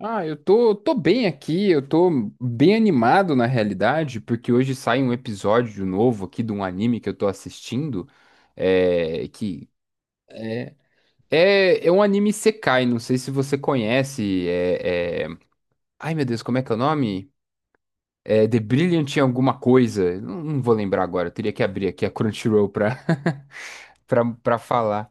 Ah, eu tô bem aqui, eu tô bem animado na realidade, porque hoje sai um episódio novo aqui de um anime que eu tô assistindo, é, que é um anime Sekai, não sei se você conhece, Ai meu Deus, como é que é o nome? É The Brilliant em alguma coisa, não vou lembrar agora, eu teria que abrir aqui a Crunchyroll pra, pra falar.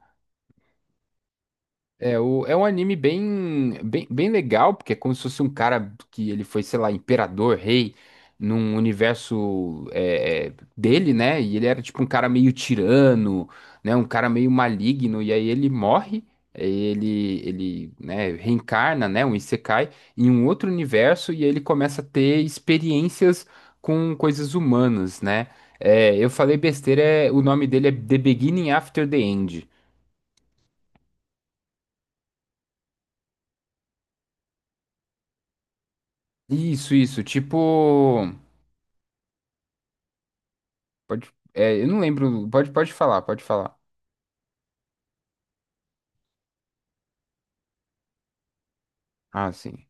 É um anime bem legal, porque é como se fosse um cara que ele foi, sei lá, imperador, rei, num universo dele, né? E ele era tipo um cara meio tirano, né? Um cara meio maligno, e aí ele morre, aí ele, né, reencarna, né? Um Isekai, em um outro universo, e aí ele começa a ter experiências com coisas humanas, né? É, eu falei besteira, é, o nome dele é The Beginning After the End. Isso, tipo. Pode, é, eu não lembro. Pode, pode falar. Ah, sim.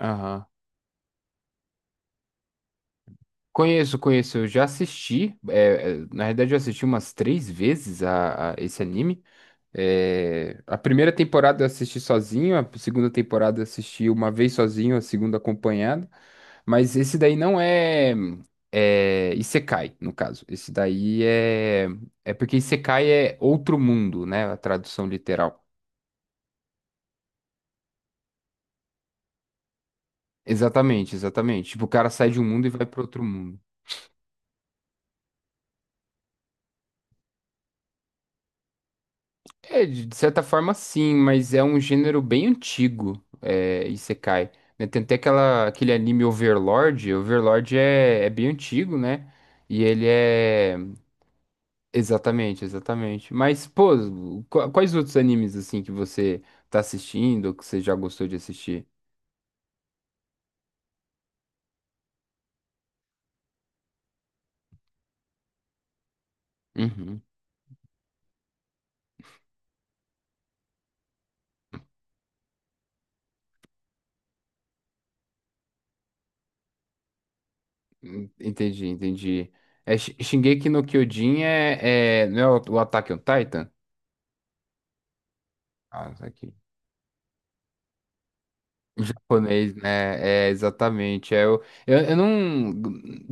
Aham. Conheço, conheço. Eu já assisti. É, é, na verdade, eu assisti umas três vezes a esse anime. É, a primeira temporada eu assisti sozinho, a segunda temporada eu assisti uma vez sozinho, a segunda acompanhado. Mas esse daí não é Isekai, no caso. Esse daí é. É porque Isekai é outro mundo, né? A tradução literal. Exatamente, exatamente. Tipo, o cara sai de um mundo e vai para outro mundo. É, de certa forma sim, mas é um gênero bem antigo, é, Isekai. Né? Tem até aquela, aquele anime Overlord, Overlord é, é bem antigo, né? E ele é... Exatamente, exatamente. Mas, pô, quais outros animes, assim, que você tá assistindo, ou que você já gostou de assistir? Uhum. Entendi, entendi. É, Shingeki no Kyojin é, é... Não é o Attack on Titan? Ah, tá aqui. Japonês, né? É, exatamente. É, eu não,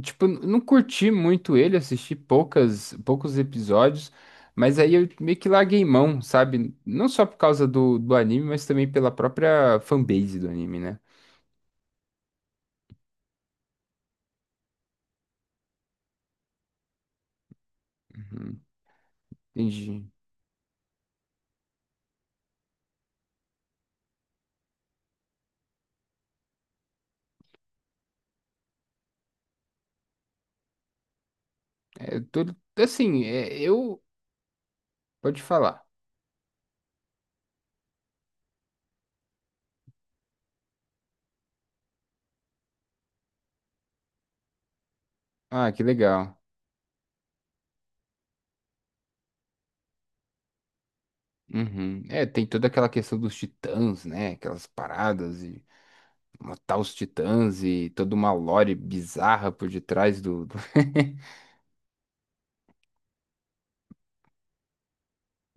tipo, não curti muito ele, assisti poucas, poucos episódios, mas aí eu meio que larguei mão, sabe? Não só por causa do anime, mas também pela própria fanbase do anime, né? Uhum, entendi. É, eu tô, assim, é, eu... Pode falar. Ah, que legal. Uhum. É, tem toda aquela questão dos titãs, né? Aquelas paradas e... matar os titãs e toda uma lore bizarra por detrás do.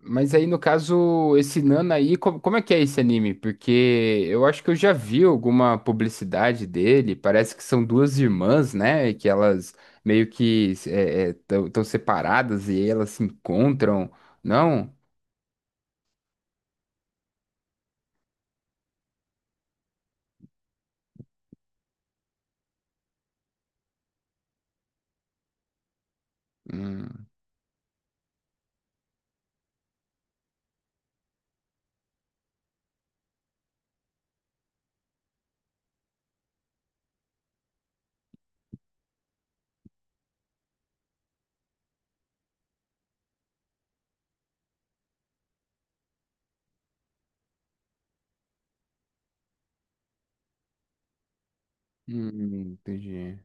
Mas aí, no caso, esse Nana aí, como, é que é esse anime? Porque eu acho que eu já vi alguma publicidade dele. Parece que são duas irmãs, né? E que elas meio que estão separadas e elas se encontram. Não? Hum, entendi.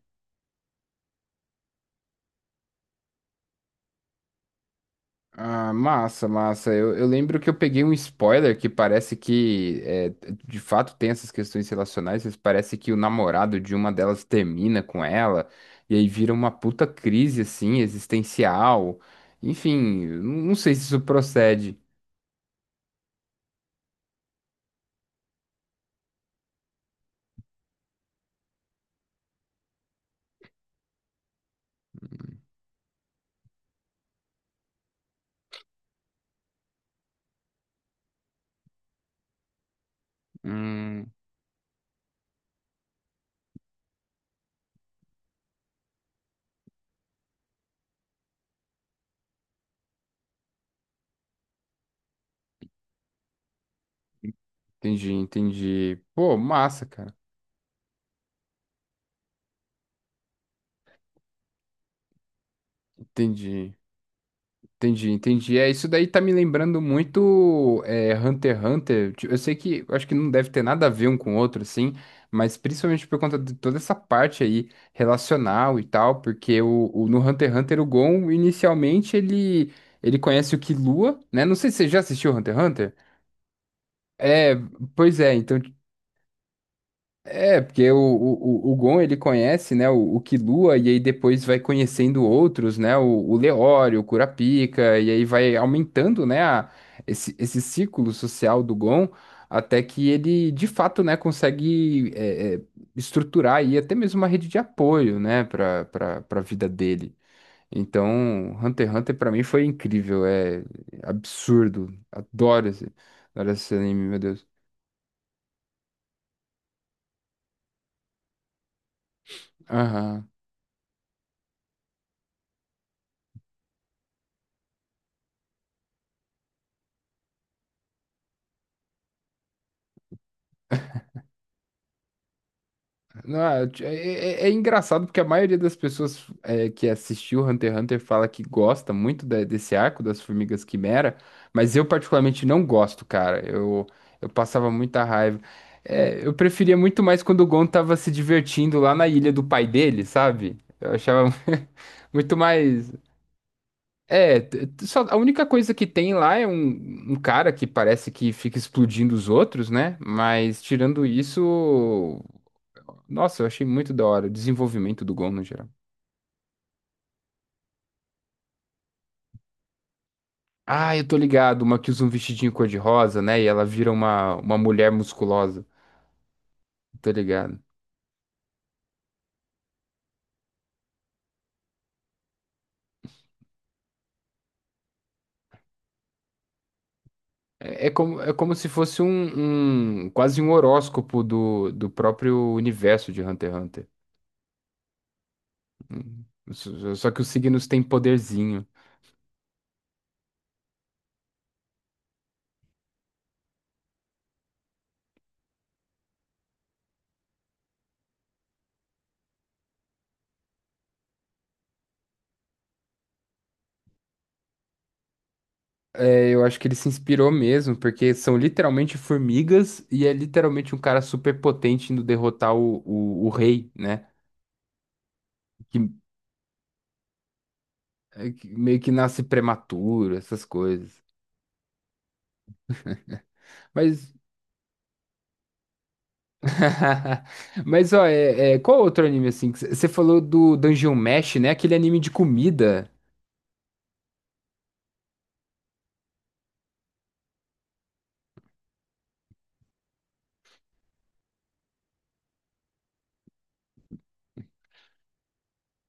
Ah, massa, massa. Eu lembro que eu peguei um spoiler que parece que, é, de fato, tem essas questões relacionais, mas parece que o namorado de uma delas termina com ela, e aí vira uma puta crise, assim, existencial. Enfim, eu não sei se isso procede. Hum, entendi, entendi. Pô, massa, cara. Entendi. Entendi, entendi. É, isso daí tá me lembrando muito é, Hunter x Hunter. Tipo, eu sei que eu acho que não deve ter nada a ver um com o outro, assim, mas principalmente por conta de toda essa parte aí relacional e tal, porque no Hunter x Hunter o Gon inicialmente ele conhece o Killua, né? Não sei se você já assistiu Hunter x Hunter. É, pois é, então é, porque o Gon ele conhece, né, o Killua, e aí depois vai conhecendo outros, né, o Leório, o Kurapika, e aí vai aumentando, né, esse círculo social do Gon, até que ele, de fato, né, consegue estruturar aí até mesmo uma rede de apoio, né, para a vida dele. Então, Hunter x Hunter pra mim foi incrível, é absurdo, adoro esse anime, meu Deus. Aham. Não, é engraçado porque a maioria das pessoas é, que assistiu Hunter x Hunter fala que gosta muito desse arco das Formigas Quimera, mas eu particularmente não gosto, cara. Eu passava muita raiva. É, eu preferia muito mais quando o Gon tava se divertindo lá na ilha do pai dele, sabe? Eu achava muito mais. É, só, a única coisa que tem lá é um, um cara que parece que fica explodindo os outros, né? Mas tirando isso. Nossa, eu achei muito da hora. O desenvolvimento do Gon no geral. Ah, eu tô ligado. Uma que usa um vestidinho cor-de-rosa, né? E ela vira uma mulher musculosa. Tô ligado. É como se fosse um, quase um horóscopo do próprio universo de Hunter x Hunter. Hum, só que os signos têm poderzinho. É, eu acho que ele se inspirou mesmo, porque são literalmente formigas e é literalmente um cara super potente indo derrotar o rei, né? Que é que meio que nasce prematuro, essas coisas. Mas, mas ó, qual outro anime assim? Você falou do Dungeon Mesh, né? Aquele anime de comida.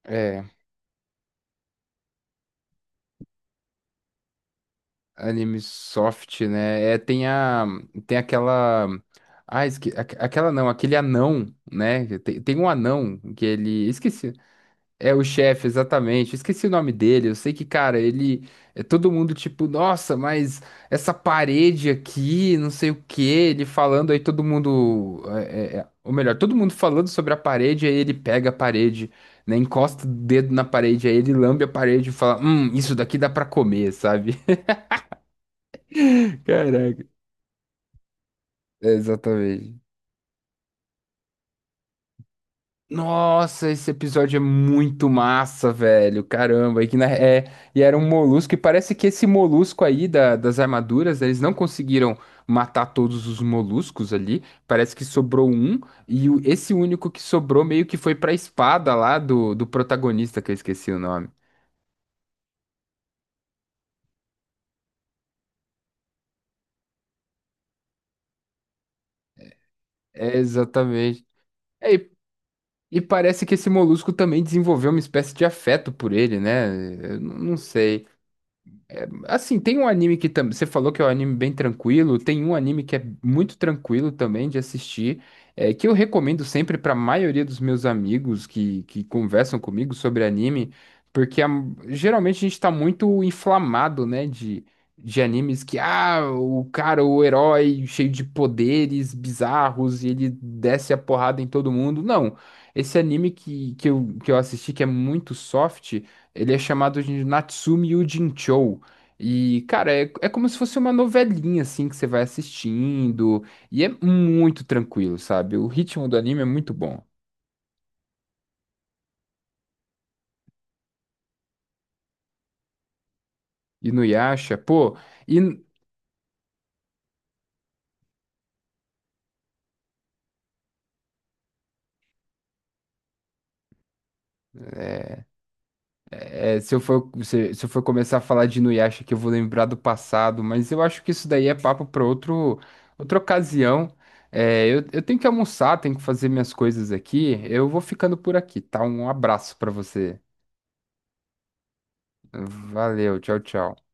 É, anime soft, né? É, tem a, tem aquela, ah, esque, aquela não, aquele anão, né? Tem um anão que ele, esqueci. É o chefe, exatamente. Eu esqueci o nome dele. Eu sei que, cara, ele é todo mundo tipo, nossa, mas essa parede aqui, não sei o quê. Ele falando, aí todo mundo, ou melhor, todo mundo falando sobre a parede, aí ele pega a parede, né, encosta o dedo na parede, aí ele lambe a parede e fala, isso daqui dá pra comer, sabe? Caraca. É, exatamente. Nossa, esse episódio é muito massa, velho. Caramba, e, e era um molusco, e parece que esse molusco aí das armaduras, eles não conseguiram matar todos os moluscos ali. Parece que sobrou um, e esse único que sobrou meio que foi pra espada lá do protagonista, que eu esqueci o nome. É, exatamente. É, e parece que esse molusco também desenvolveu uma espécie de afeto por ele, né? Eu não sei. Assim, tem um anime que também. Você falou que é um anime bem tranquilo. Tem um anime que é muito tranquilo também de assistir. É, que eu recomendo sempre para a maioria dos meus amigos que conversam comigo sobre anime. Porque geralmente a gente tá muito inflamado, né? De animes que, ah, o cara, o herói cheio de poderes bizarros e ele desce a porrada em todo mundo. Não. Esse anime que eu assisti, que é muito soft, ele é chamado de Natsume Yuujinchou. E, cara, é, é como se fosse uma novelinha, assim, que você vai assistindo. E é muito tranquilo, sabe? O ritmo do anime é muito bom. E no Yasha, pô, e, é, se, se eu for começar a falar de Inuyasha que eu vou lembrar do passado, mas eu acho que isso daí é papo para outro, outra ocasião. É, eu tenho que almoçar, tenho que fazer minhas coisas aqui. Eu vou ficando por aqui, tá? Um abraço para você. Valeu, tchau, tchau.